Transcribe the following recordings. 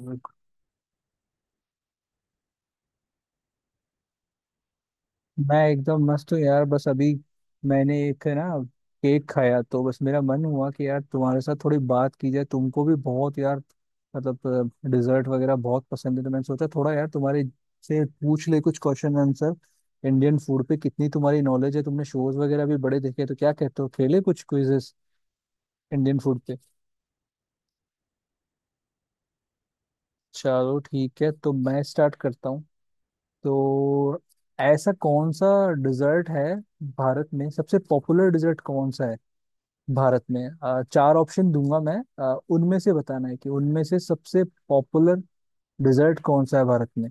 मैं एकदम मस्त हूँ यार। बस अभी मैंने एक है ना केक खाया तो बस मेरा मन हुआ कि यार तुम्हारे साथ थोड़ी बात की जाए। तुमको भी बहुत यार मतलब डिजर्ट वगैरह बहुत पसंद है, तो मैंने सोचा थोड़ा यार तुम्हारे से पूछ ले कुछ क्वेश्चन आंसर। इंडियन फूड पे कितनी तुम्हारी नॉलेज है, तुमने शोज वगैरह भी बड़े देखे, तो क्या कहते हो, खेले कुछ क्विजेस इंडियन फूड पे? चलो ठीक है, तो मैं स्टार्ट करता हूँ। तो ऐसा कौन सा डिजर्ट है, भारत में सबसे पॉपुलर डिजर्ट कौन सा है भारत में? चार ऑप्शन दूंगा मैं, उनमें से बताना है कि उनमें से सबसे पॉपुलर डिजर्ट कौन सा है भारत में।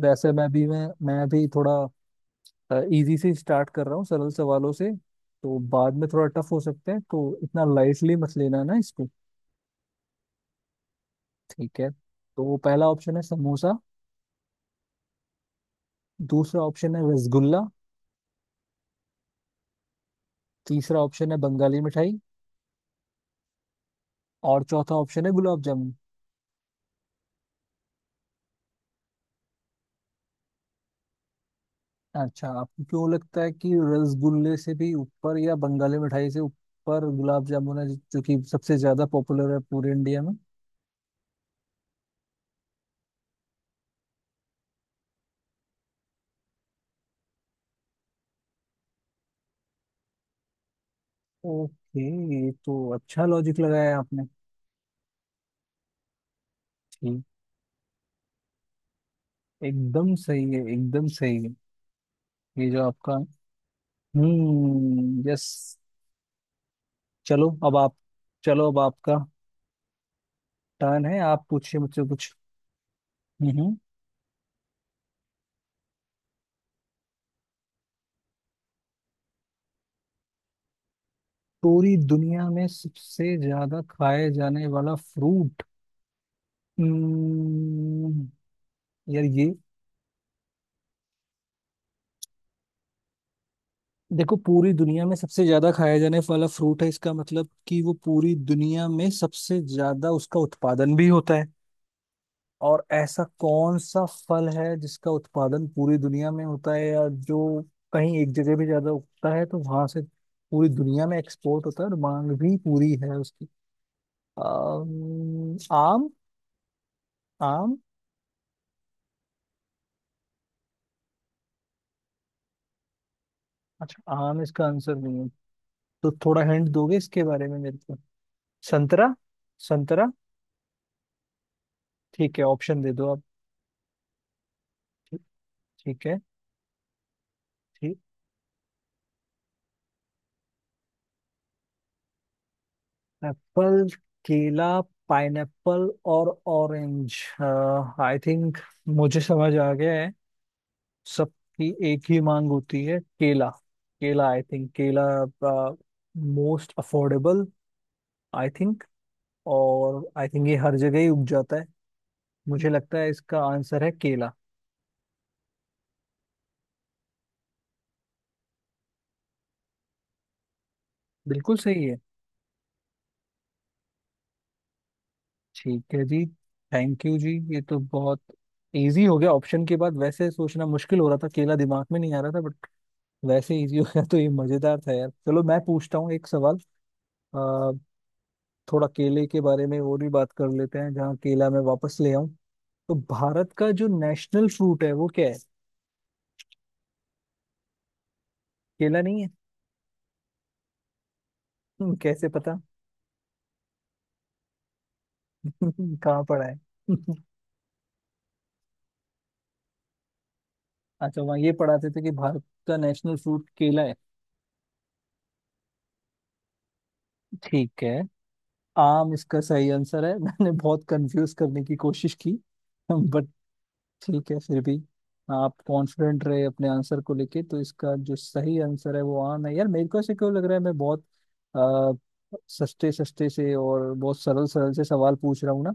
वैसे मैं भी मैं अभी थोड़ा इजी से स्टार्ट कर रहा हूँ, सरल सवालों से। तो बाद में थोड़ा टफ हो सकते हैं, तो इतना लाइटली मत लेना ना इसको। ठीक है, तो पहला ऑप्शन है समोसा। दूसरा ऑप्शन है रसगुल्ला। तीसरा ऑप्शन है बंगाली मिठाई। और चौथा ऑप्शन है गुलाब जामुन। अच्छा, आपको क्यों लगता है कि रसगुल्ले से भी ऊपर या बंगाली मिठाई से ऊपर गुलाब जामुन है, जो कि सबसे ज्यादा पॉपुलर है पूरे इंडिया में? ओके। ये तो अच्छा लॉजिक लगाया आपने। ठीक, एकदम सही है, एकदम सही है। ये जो आपका। हम्म, यस। चलो अब आप। चलो, अब आपका टर्न है, आप पूछिए मुझसे कुछ। हम्म। पूरी दुनिया में सबसे ज्यादा खाए जाने वाला फ्रूट। हम्म। यार ये, देखो पूरी दुनिया में सबसे ज्यादा खाया जाने वाला फ्रूट है, इसका मतलब कि वो पूरी दुनिया में सबसे ज्यादा उसका उत्पादन भी होता है। और ऐसा कौन सा फल है जिसका उत्पादन पूरी दुनिया में होता है, या जो कहीं एक जगह भी ज्यादा उगता है तो वहां से पूरी दुनिया में एक्सपोर्ट होता है और मांग भी पूरी है उसकी। आम। आम। अच्छा, आम इसका आंसर नहीं है? तो थोड़ा हिंट दोगे इसके बारे में मेरे को? संतरा। संतरा। ठीक है, ऑप्शन दे दो आप। ठीक, ठीक है, ठीक। एप्पल, केला, पाइनएप्पल और ऑरेंज। आई थिंक मुझे समझ आ गया है, सबकी एक ही मांग होती है, केला। केला, आई थिंक केला, मोस्ट अफोर्डेबल आई थिंक। और आई थिंक ये हर जगह ही उग जाता है। मुझे लगता है इसका आंसर है केला। बिल्कुल सही है। ठीक है जी, थैंक यू जी। ये तो बहुत इजी हो गया ऑप्शन के बाद। वैसे सोचना मुश्किल हो रहा था, केला दिमाग में नहीं आ रहा था, बट वैसे इजी होगा तो ये मजेदार था यार। चलो मैं पूछता हूँ एक सवाल। आ, थोड़ा केले के बारे में और भी बात कर लेते हैं, जहाँ केला मैं वापस ले आऊं। तो भारत का जो नेशनल फ्रूट है वो क्या है? केला नहीं है? कैसे पता? कहाँ पढ़ा है? अच्छा, वहाँ ये पढ़ाते थे कि भारत का नेशनल फ्रूट केला है? ठीक है। आम इसका सही आंसर है। मैंने बहुत कंफ्यूज करने की कोशिश की, बट ठीक है फिर भी आप कॉन्फिडेंट रहे अपने आंसर को लेके। तो इसका जो सही आंसर है वो आम है। यार मेरे को ऐसे क्यों लग रहा है मैं बहुत आ, सस्ते सस्ते से और बहुत सरल सरल से सवाल पूछ रहा हूँ ना।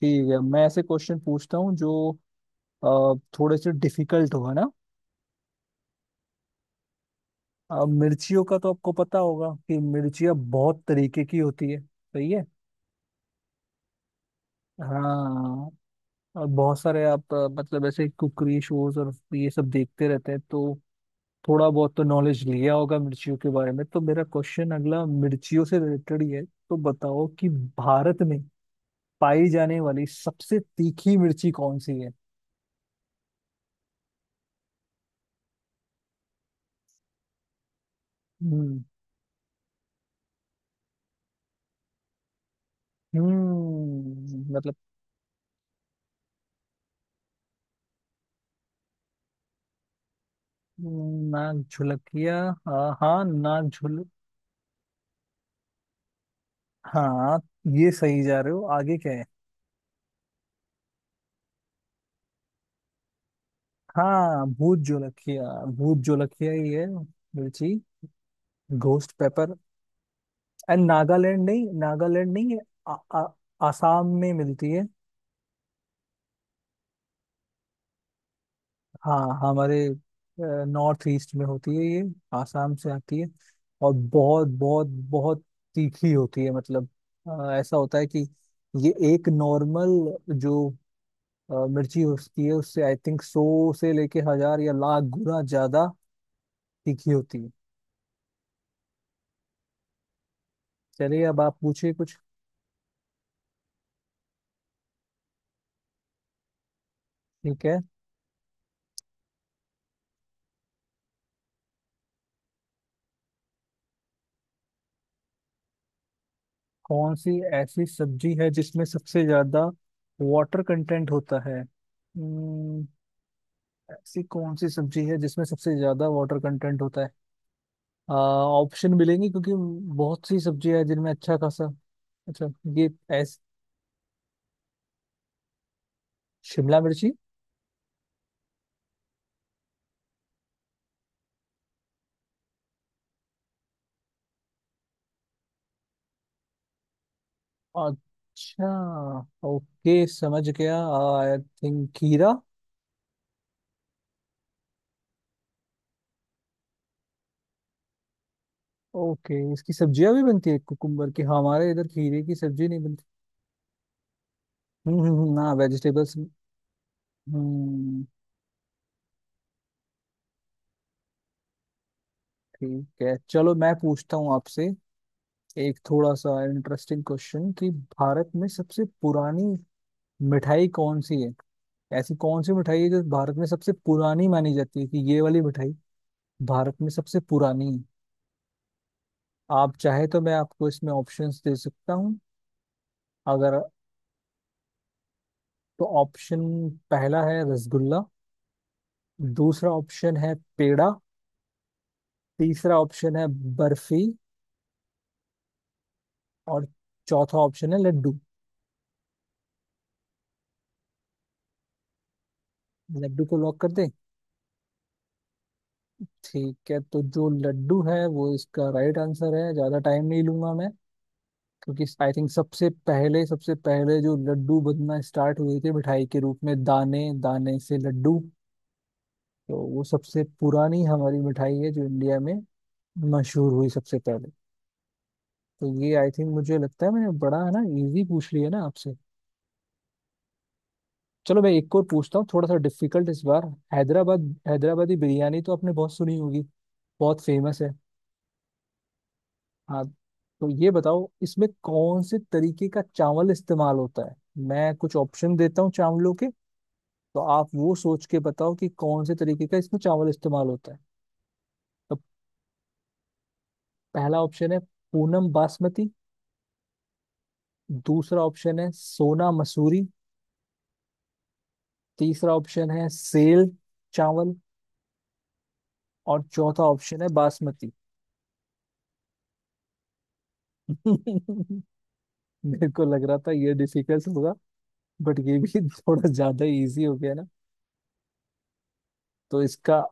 ठीक है, मैं ऐसे क्वेश्चन पूछता हूँ जो अ, थोड़े से डिफिकल्ट हो, है ना। मिर्चियों का तो आपको पता होगा कि मिर्चियाँ बहुत तरीके की होती है, सही है। हाँ। और बहुत सारे आप मतलब ऐसे कुकरी शोज और ये सब देखते रहते हैं, तो थोड़ा बहुत तो नॉलेज लिया होगा मिर्चियों के बारे में। तो मेरा क्वेश्चन अगला मिर्चियों से रिलेटेड ही है। तो बताओ कि भारत में पाई जाने वाली सबसे तीखी मिर्ची कौन सी है? हम्म। मतलब। नाक झुलकिया। हाँ हाँ, नाक झुल। हाँ, ये सही जा रहे हो, आगे क्या है? हाँ, भूत जोलकिया। भूत जोलकिया ही है। मिर्ची, घोस्ट पेपर। एंड नागालैंड नहीं, नागालैंड नहीं है। आ, आ, आसाम में मिलती है। हाँ, हमारे नॉर्थ ईस्ट में होती है ये, आसाम से आती है। और बहुत बहुत बहुत तीखी होती है। मतलब ऐसा होता है कि ये एक नॉर्मल जो मिर्ची होती है उससे आई थिंक 100 से लेके 1,000 या 1,00,000 गुना ज्यादा तीखी होती है। चलिए अब आप पूछिए कुछ। ठीक है। कौन सी ऐसी सब्जी है जिसमें सबसे ज्यादा वाटर कंटेंट होता है? ऐसी कौन सी सब्जी है जिसमें सबसे ज्यादा वाटर कंटेंट होता है? ऑप्शन मिलेंगे, क्योंकि बहुत सी सब्जियां हैं जिनमें अच्छा खासा। अच्छा। ये ऐस, शिमला मिर्ची। अच्छा, ओके समझ गया, आई थिंक खीरा। ओके, इसकी सब्जियां भी बनती है कुकुम्बर की? हाँ, हमारे इधर खीरे की सब्जी नहीं बनती। हाँ वेजिटेबल्स। हम्म। ठीक है, चलो मैं पूछता हूँ आपसे एक थोड़ा सा इंटरेस्टिंग क्वेश्चन कि भारत में सबसे पुरानी मिठाई कौन सी है? ऐसी कौन सी मिठाई है जो भारत में सबसे पुरानी मानी जाती है कि ये वाली मिठाई भारत में सबसे पुरानी है? आप चाहे तो मैं आपको इसमें ऑप्शंस दे सकता हूँ अगर। तो ऑप्शन पहला है रसगुल्ला। दूसरा ऑप्शन है पेड़ा। तीसरा ऑप्शन है बर्फी। और चौथा ऑप्शन है लड्डू। लड्डू को लॉक कर दें? ठीक है, तो जो लड्डू है वो इसका राइट आंसर है। ज्यादा टाइम नहीं लूंगा मैं, क्योंकि आई थिंक सबसे पहले, सबसे पहले जो लड्डू बनना स्टार्ट हुए थे मिठाई के रूप में, दाने दाने से लड्डू, तो वो सबसे पुरानी हमारी मिठाई है जो इंडिया में मशहूर हुई सबसे पहले। तो ये आई थिंक, मुझे लगता है मैंने बड़ा है ना इजी पूछ लिया ना आपसे। चलो मैं एक और पूछता हूँ थोड़ा सा डिफिकल्ट इस बार। हैदराबाद, हैदराबादी बिरयानी तो आपने बहुत सुनी होगी, बहुत फेमस है। हाँ। तो ये बताओ इसमें कौन से तरीके का चावल इस्तेमाल होता है? मैं कुछ ऑप्शन देता हूँ चावलों के, तो आप वो सोच के बताओ कि कौन से तरीके का इसमें चावल इस्तेमाल होता है। तो पहला ऑप्शन है पूनम बासमती। दूसरा ऑप्शन है सोना मसूरी। तीसरा ऑप्शन है सेल चावल। और चौथा ऑप्शन है बासमती। मेरे को लग रहा था ये डिफिकल्ट होगा, बट ये भी थोड़ा ज्यादा इजी हो गया ना। तो इसका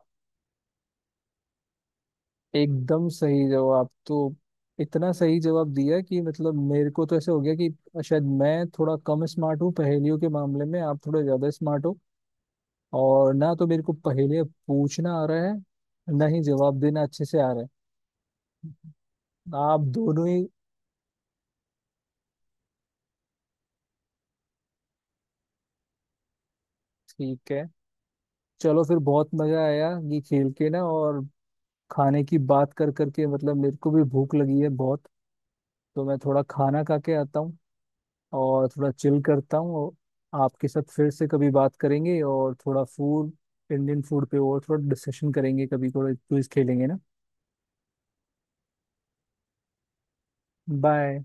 एकदम सही जवाब। तो इतना सही जवाब दिया कि मतलब मेरे को तो ऐसे हो गया कि शायद मैं थोड़ा कम स्मार्ट हूँ पहेलियों के मामले में, आप थोड़े ज्यादा स्मार्ट हो। और ना तो मेरे को पहेलियाँ पूछना आ रहा है, ना ही जवाब देना अच्छे से आ रहा है आप दोनों ही। ठीक है, चलो फिर बहुत मजा आया ये खेल के ना। और खाने की बात कर करके मतलब मेरे को भी भूख लगी है बहुत। तो मैं थोड़ा खाना खा के आता हूँ और थोड़ा चिल करता हूँ। और आपके साथ फिर से कभी बात करेंगे और थोड़ा फूड, इंडियन फूड पे और थोड़ा डिस्कशन करेंगे, कभी थोड़ा क्विज खेलेंगे ना। बाय।